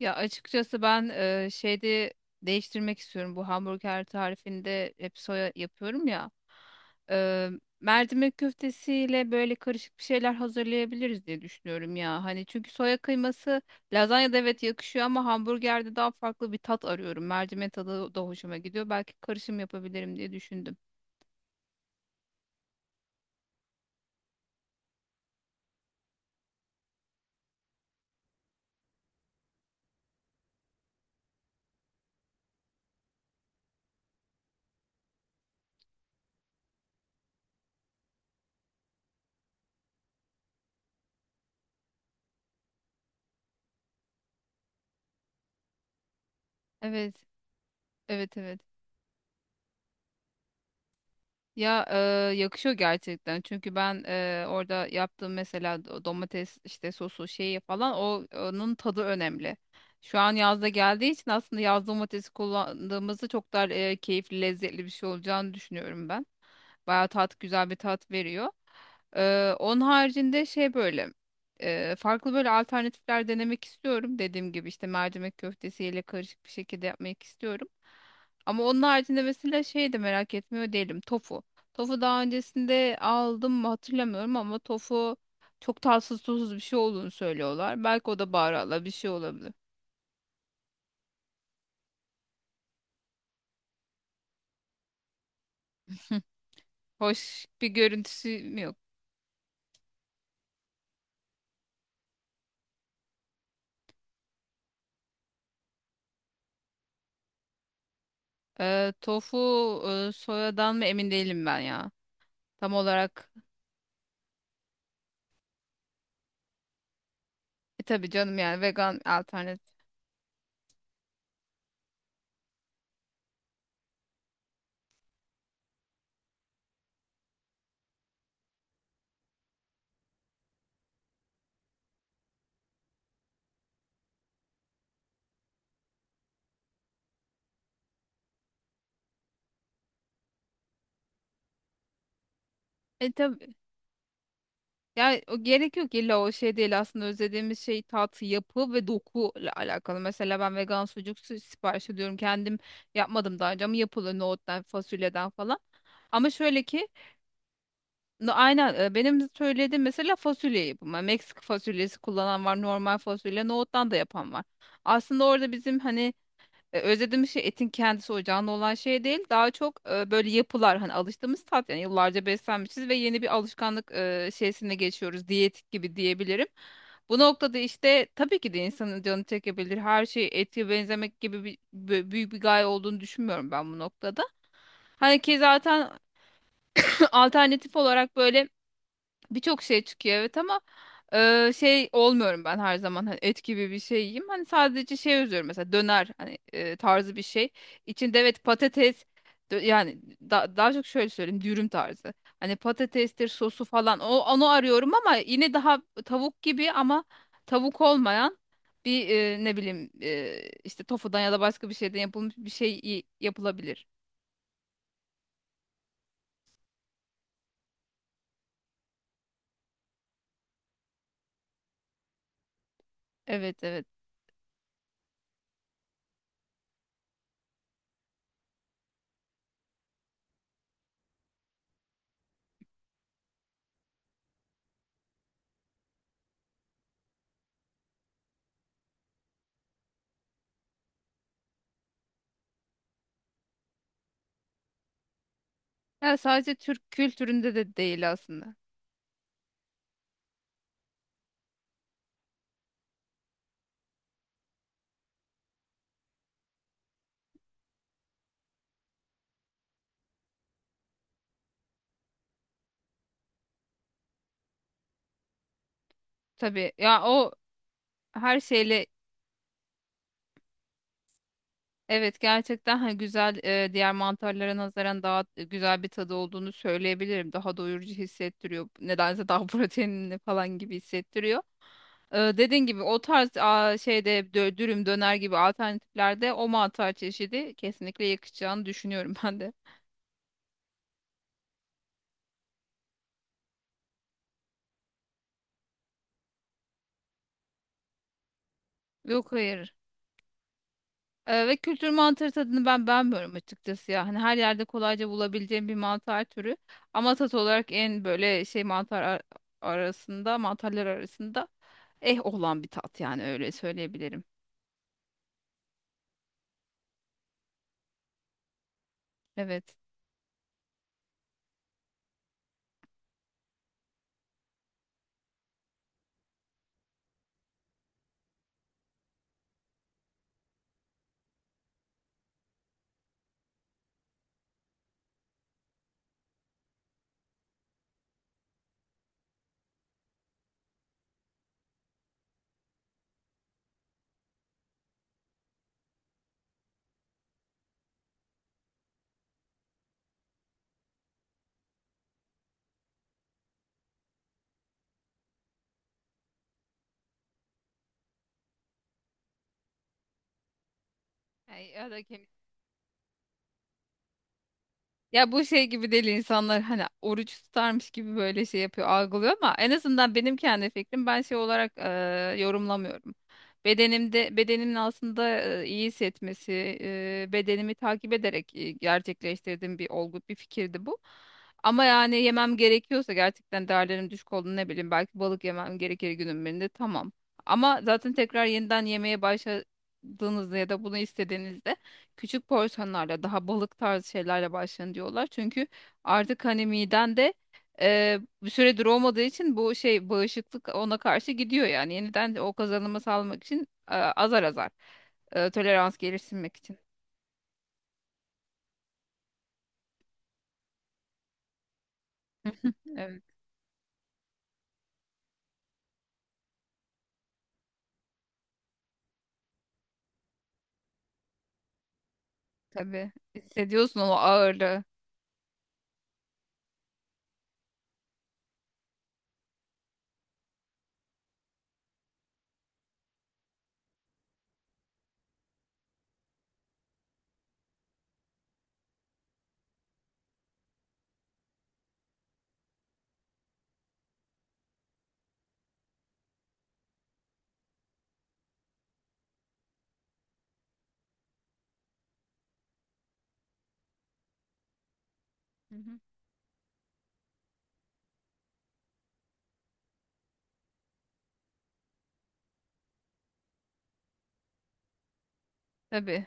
Ya açıkçası ben şeyde değiştirmek istiyorum. Bu hamburger tarifinde hep soya yapıyorum ya. E, Mercimek köftesiyle böyle karışık bir şeyler hazırlayabiliriz diye düşünüyorum ya. Hani çünkü soya kıyması lazanyada, evet, yakışıyor ama hamburgerde daha farklı bir tat arıyorum. Mercimek tadı da hoşuma gidiyor. Belki karışım yapabilirim diye düşündüm. Evet, evet, evet. Ya yakışıyor gerçekten. Çünkü ben, orada yaptığım mesela domates işte sosu şeyi falan, onun tadı önemli. Şu an yazda geldiği için aslında yaz domatesi kullandığımızda çok daha keyifli, lezzetli bir şey olacağını düşünüyorum ben. Bayağı tat, güzel bir tat veriyor. Onun haricinde şey, böyle farklı böyle alternatifler denemek istiyorum. Dediğim gibi işte mercimek köftesiyle karışık bir şekilde yapmak istiyorum. Ama onun haricinde mesela şey de merak etmiyor değilim. Tofu. Tofu daha öncesinde aldım mı hatırlamıyorum ama tofu çok tatsız tuzsuz bir şey olduğunu söylüyorlar. Belki o da baharatla bir şey olabilir. Hoş bir görüntüsü mü yok? Tofu soyadan mı emin değilim ben ya. Tam olarak e tabii canım, yani vegan. E tabii. Yani o gerek yok, illa o şey değil, aslında özlediğimiz şey tat, yapı ve doku ile alakalı. Mesela ben vegan sucuk sipariş ediyorum. Kendim yapmadım daha önce ama yapılıyor nohuttan, fasulyeden falan. Ama şöyle ki aynen, benim söylediğim mesela fasulye yapımı. Meksika fasulyesi kullanan var, normal fasulye, nohuttan da yapan var. Aslında orada bizim hani, özlediğimiz şey etin kendisi, o canlı olan şey değil. Daha çok böyle yapılar, hani alıştığımız tat, yani yıllarca beslenmişiz ve yeni bir alışkanlık şeysine geçiyoruz. Diyetik gibi diyebilirim. Bu noktada işte tabii ki de insanın canı çekebilir. Her şey ete benzemek gibi bir, büyük bir gaye olduğunu düşünmüyorum ben bu noktada. Hani ki zaten alternatif olarak böyle birçok şey çıkıyor, evet, ama şey olmuyorum ben her zaman hani et gibi bir şey yiyeyim. Hani sadece şey özlüyorum mesela döner hani, tarzı bir şey. İçinde, evet, patates, yani daha çok şöyle söyleyeyim, dürüm tarzı. Hani patatestir, sosu falan, onu arıyorum ama yine daha tavuk gibi ama tavuk olmayan bir, ne bileyim, işte tofudan ya da başka bir şeyden yapılmış bir şey yapılabilir. Evet, evet. Yani sadece Türk kültüründe de değil aslında. Tabii ya. O her şeyle, evet, gerçekten hani güzel. Diğer mantarlara nazaran daha güzel bir tadı olduğunu söyleyebilirim. Daha doyurucu hissettiriyor. Nedense daha proteinli falan gibi hissettiriyor. Dediğin gibi o tarz şeyde, dürüm döner gibi alternatiflerde o mantar çeşidi kesinlikle yakışacağını düşünüyorum ben de. Yok, hayır. Ve kültür mantarı tadını ben beğenmiyorum açıkçası ya. Hani her yerde kolayca bulabileceğim bir mantar türü. Ama tat olarak en böyle şey, arasında, mantarlar arasında eh olan bir tat, yani öyle söyleyebilirim. Evet. Ay, ya da kemik. Ya bu şey gibi değil, insanlar hani oruç tutarmış gibi böyle şey yapıyor, algılıyor ama en azından benim kendi fikrim, ben şey olarak yorumlamıyorum. Bedenimin aslında iyi hissetmesi, bedenimi takip ederek gerçekleştirdiğim bir olgu, bir fikirdi bu. Ama yani yemem gerekiyorsa gerçekten, değerlerim düşük olduğunu, ne bileyim, belki balık yemem gerekir günün birinde, tamam. Ama zaten tekrar yeniden yemeye başladığınızda ya da bunu istediğinizde küçük porsiyonlarla daha balık tarzı şeylerle başlayın diyorlar. Çünkü artık hani miden de bir süredir olmadığı için bu şey, bağışıklık ona karşı gidiyor yani. Yeniden o kazanımı sağlamak için, azar azar, tolerans geliştirmek için. Evet, tabii, hissediyorsun o ağırlığı. Hı hı. Tabii.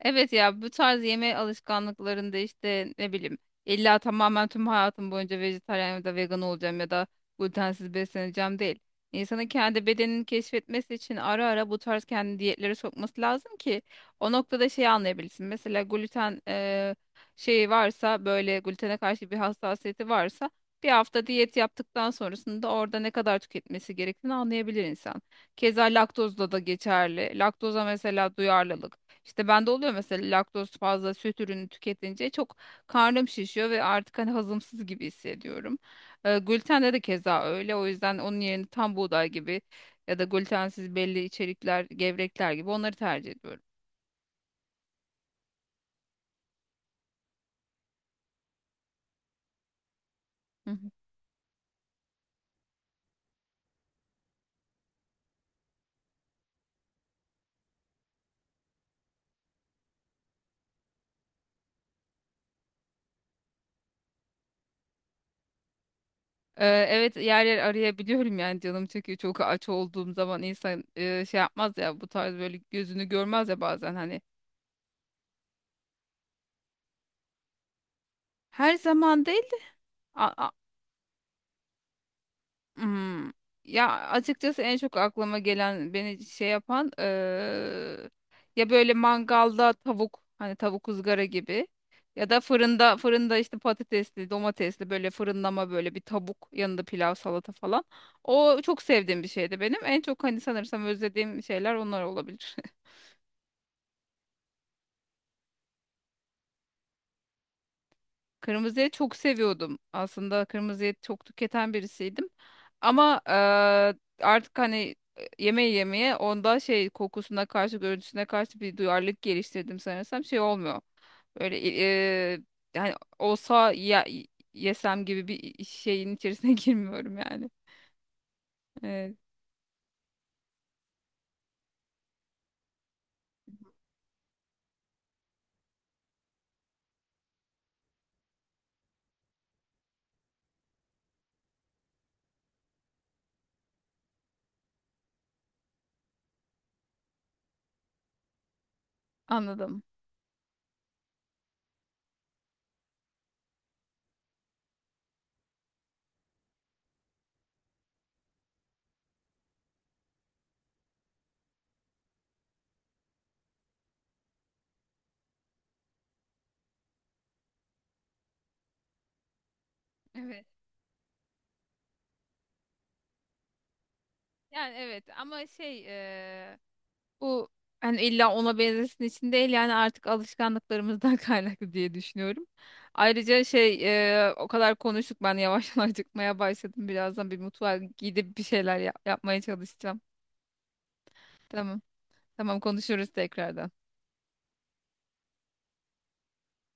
Evet ya, bu tarz yeme alışkanlıklarında işte, ne bileyim, illa tamamen tüm hayatım boyunca vejetaryen ya da vegan olacağım ya da glutensiz besleneceğim değil. İnsanın kendi bedenini keşfetmesi için ara ara bu tarz kendi diyetlere sokması lazım ki o noktada şeyi anlayabilsin. Mesela gluten şeyi varsa, böyle glutene karşı bir hassasiyeti varsa, bir hafta diyet yaptıktan sonrasında orada ne kadar tüketmesi gerektiğini anlayabilir insan. Keza laktozda da geçerli. Laktoza mesela duyarlılık. İşte bende oluyor mesela, laktoz, fazla süt ürünü tüketince çok karnım şişiyor ve artık hani hazımsız gibi hissediyorum. Gluten de keza öyle. O yüzden onun yerine tam buğday gibi ya da glutensiz belli içerikler, gevrekler gibi onları tercih ediyorum. Hı hı. Evet, yer yer arayabiliyorum yani, canım çekiyor. Çok aç olduğum zaman insan şey yapmaz ya, bu tarz böyle gözünü görmez ya bazen, hani. Her zaman değil. A- Hmm. Ya açıkçası en çok aklıma gelen, beni şey yapan, ya böyle mangalda tavuk, hani tavuk ızgara gibi ya da fırında işte patatesli, domatesli, böyle fırınlama, böyle bir tavuk, yanında pilav, salata falan. O çok sevdiğim bir şeydi benim. En çok hani sanırsam özlediğim şeyler onlar olabilir. Kırmızıya çok seviyordum. Aslında kırmızıya çok tüketen birisiydim. Ama artık hani, yemeği yemeye, onda şey, kokusuna karşı, görüntüsüne karşı bir duyarlılık geliştirdim sanırsam. Şey olmuyor. Böyle, e, yani olsa ya, yesem gibi bir şeyin içerisine girmiyorum yani. Evet, anladım. Evet. Yani, evet, ama şey, bu hani illa ona benzesin için değil, yani artık alışkanlıklarımızdan kaynaklı diye düşünüyorum. Ayrıca şey, o kadar konuştuk, ben yavaştan acıkmaya başladım. Birazdan bir mutfağa gidip bir şeyler yapmaya çalışacağım. Tamam. Tamam, konuşuruz tekrardan.